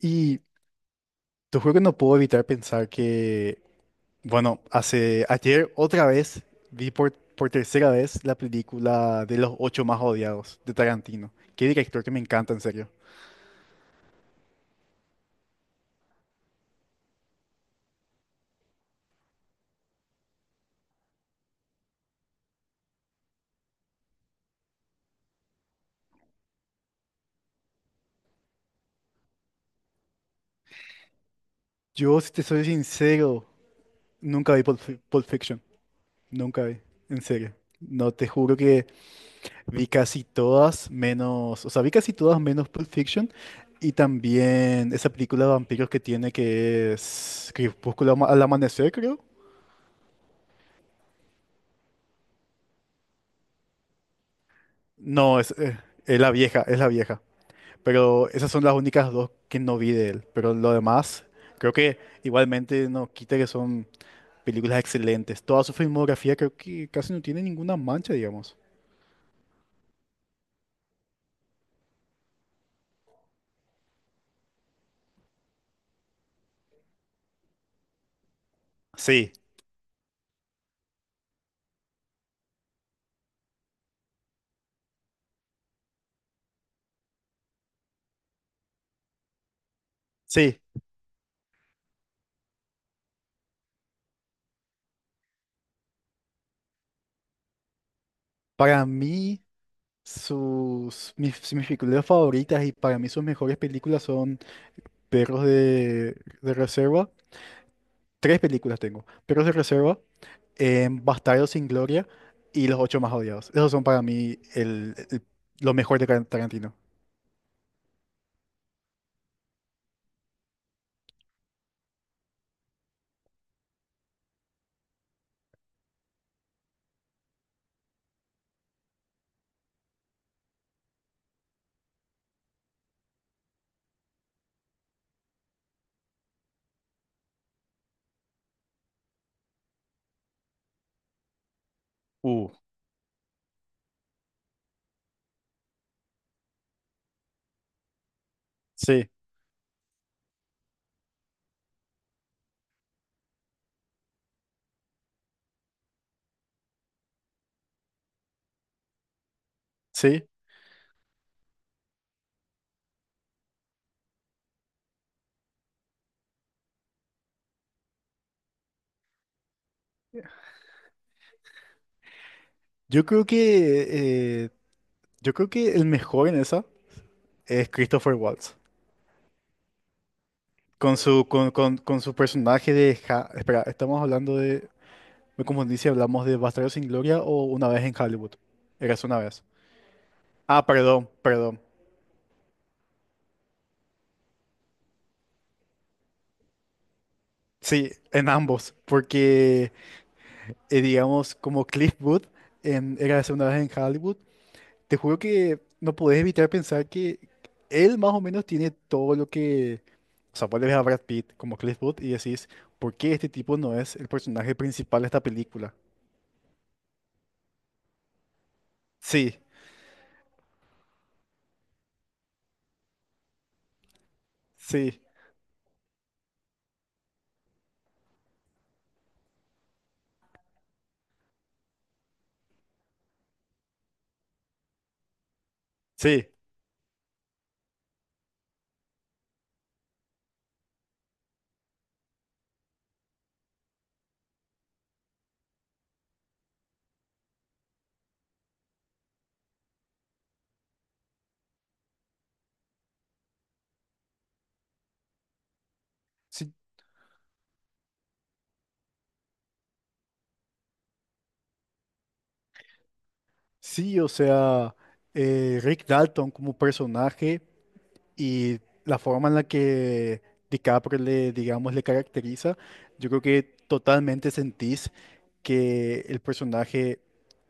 Y te juro que no puedo evitar pensar que, bueno, hace ayer otra vez vi por tercera vez la película de los ocho más odiados de Tarantino. Qué director que me encanta, en serio. Yo, si te soy sincero, nunca vi Pulp Fiction. Nunca vi, en serio. No, te juro que vi casi todas menos, o sea, vi casi todas menos Pulp Fiction y también esa película de vampiros que tiene que es Crepúsculo al amanecer, creo. No, es la vieja, es la vieja. Pero esas son las únicas dos que no vi de él. Pero lo demás, creo que igualmente no quita que son películas excelentes. Toda su filmografía creo que casi no tiene ninguna mancha, digamos. Sí, sí. Para mí, sus, mis, si mis películas favoritas y para mí sus mejores películas son Perros de, de Reserva. Tres películas tengo. Perros de Reserva, en Bastardos sin Gloria y Los Ocho Más Odiados. Esos son para mí lo mejor de Tarantino. Uh, sí, sí. Yo creo que, eh, yo creo que el mejor en esa es Christopher Waltz. Con su personaje de... Espera, estamos hablando de... Me confundí si hablamos de Bastardos sin Gloria o Una vez en Hollywood. Eras una vez. Ah, perdón, perdón. Sí, en ambos. Porque, digamos, como Cliff Booth en Eras una vez en Hollywood, te juro que no podés evitar pensar que él más o menos tiene todo lo que... O sea, vos le ves a Brad Pitt como Cliff Booth y decís, ¿por qué este tipo no es el personaje principal de esta película? Sí, sí, sí, sí, sí, o sea, Rick Dalton como personaje. Y la forma en la que DiCaprio le, digamos, le caracteriza, yo creo que totalmente sentís que el personaje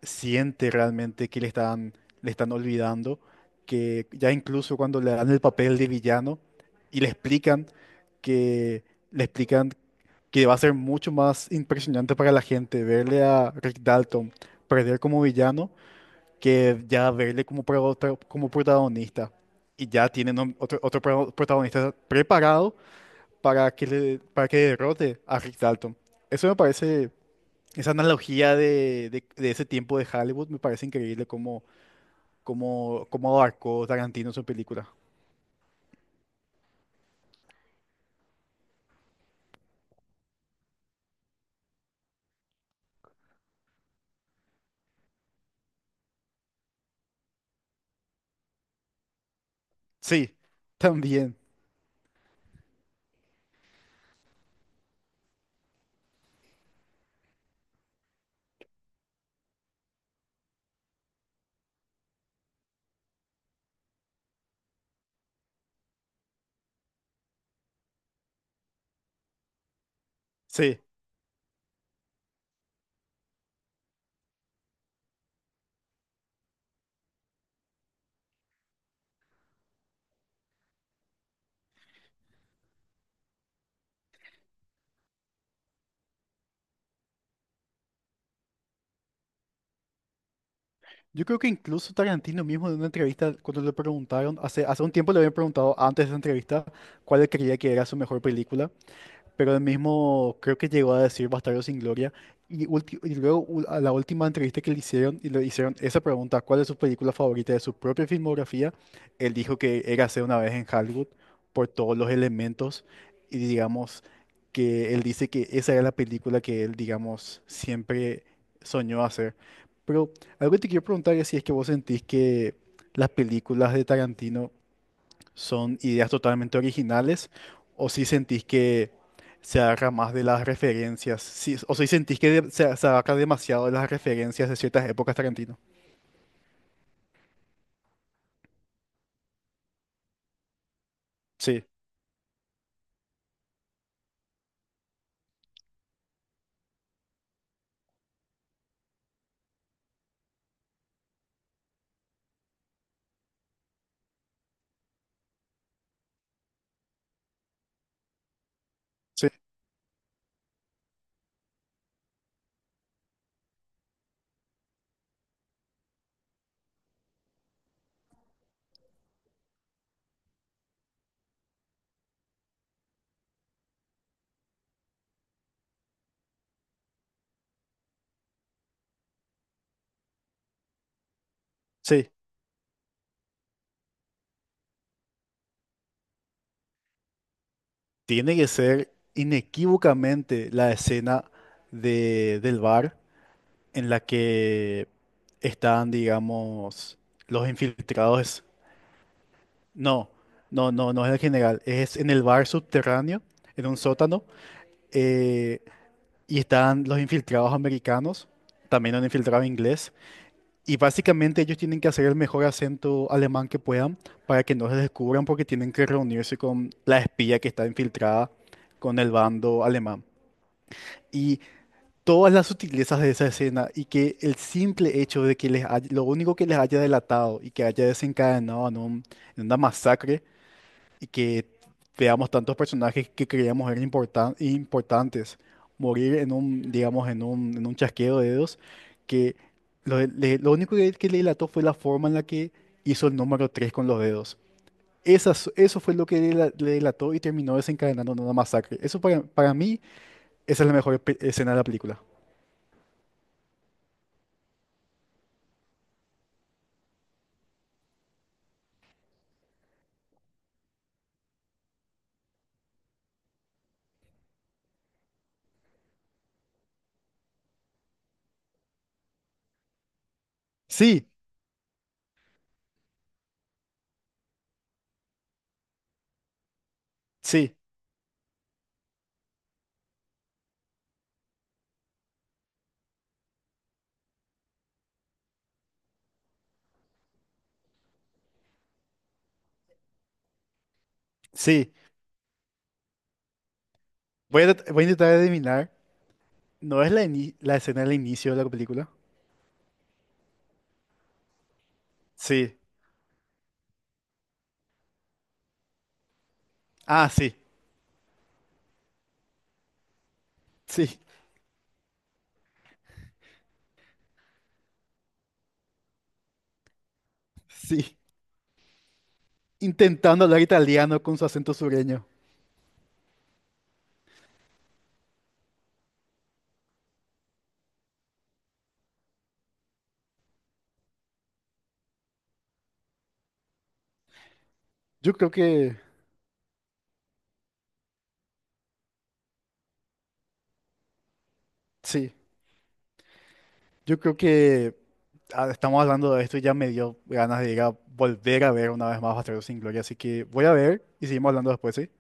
siente realmente que le están olvidando, que ya incluso cuando le dan el papel de villano y que le explican que va a ser mucho más impresionante para la gente verle a Rick Dalton perder como villano que ya verle como, como protagonista y ya tienen otro, otro protagonista preparado para que, para que derrote a Rick Dalton. Eso me parece, esa analogía de ese tiempo de Hollywood me parece increíble cómo, cómo abarcó Tarantino su película. Sí, también, sí. Yo creo que incluso Tarantino mismo en una entrevista, cuando le preguntaron, hace un tiempo le habían preguntado antes de esa entrevista, cuál creía que era su mejor película. Pero él mismo creo que llegó a decir Bastardo sin Gloria. Y, y luego a la última entrevista que le hicieron y le hicieron esa pregunta, ¿cuál es su película favorita de su propia filmografía? Él dijo que Érase una vez en Hollywood por todos los elementos y digamos que él dice que esa era la película que él, digamos, siempre soñó hacer. Pero algo que te quiero preguntar es si es que vos sentís que las películas de Tarantino son ideas totalmente originales o si sentís que se agarra más de las referencias, o si sentís que se, se agarra demasiado de las referencias de ciertas épocas Tarantino. Sí, sí, sí. Tiene que ser inequívocamente la escena de, del bar en la que están, digamos, los infiltrados. No, no, no es el general, es en el bar subterráneo, en un sótano eh, y están los infiltrados americanos, también un infiltrado inglés, y básicamente ellos tienen que hacer el mejor acento alemán que puedan para que no se descubran porque tienen que reunirse con la espía que está infiltrada con el bando alemán. Y todas las sutilezas de esa escena y que el simple hecho de que lo único que les haya delatado y que haya desencadenado en, en una masacre y que veamos tantos personajes que creíamos eran importantes morir en un, digamos, en un chasqueo de dedos, que lo único que le delató fue la forma en la que hizo el número 3 con los dedos. Eso fue lo que le delató y terminó desencadenando en una masacre. Eso para mí, esa es la mejor escena de la película. Sí, sí, sí. Voy a intentar adivinar. ¿No es la, la escena del inicio de la película? Sí. Ah, sí, sí, sí. Intentando hablar italiano con su acento sureño. Yo creo que, sí, yo creo que ah, estamos hablando de esto y ya me dio ganas de ir a volver a ver una vez más Bastardos sin Gloria, así que voy a ver y seguimos hablando después, ¿sí?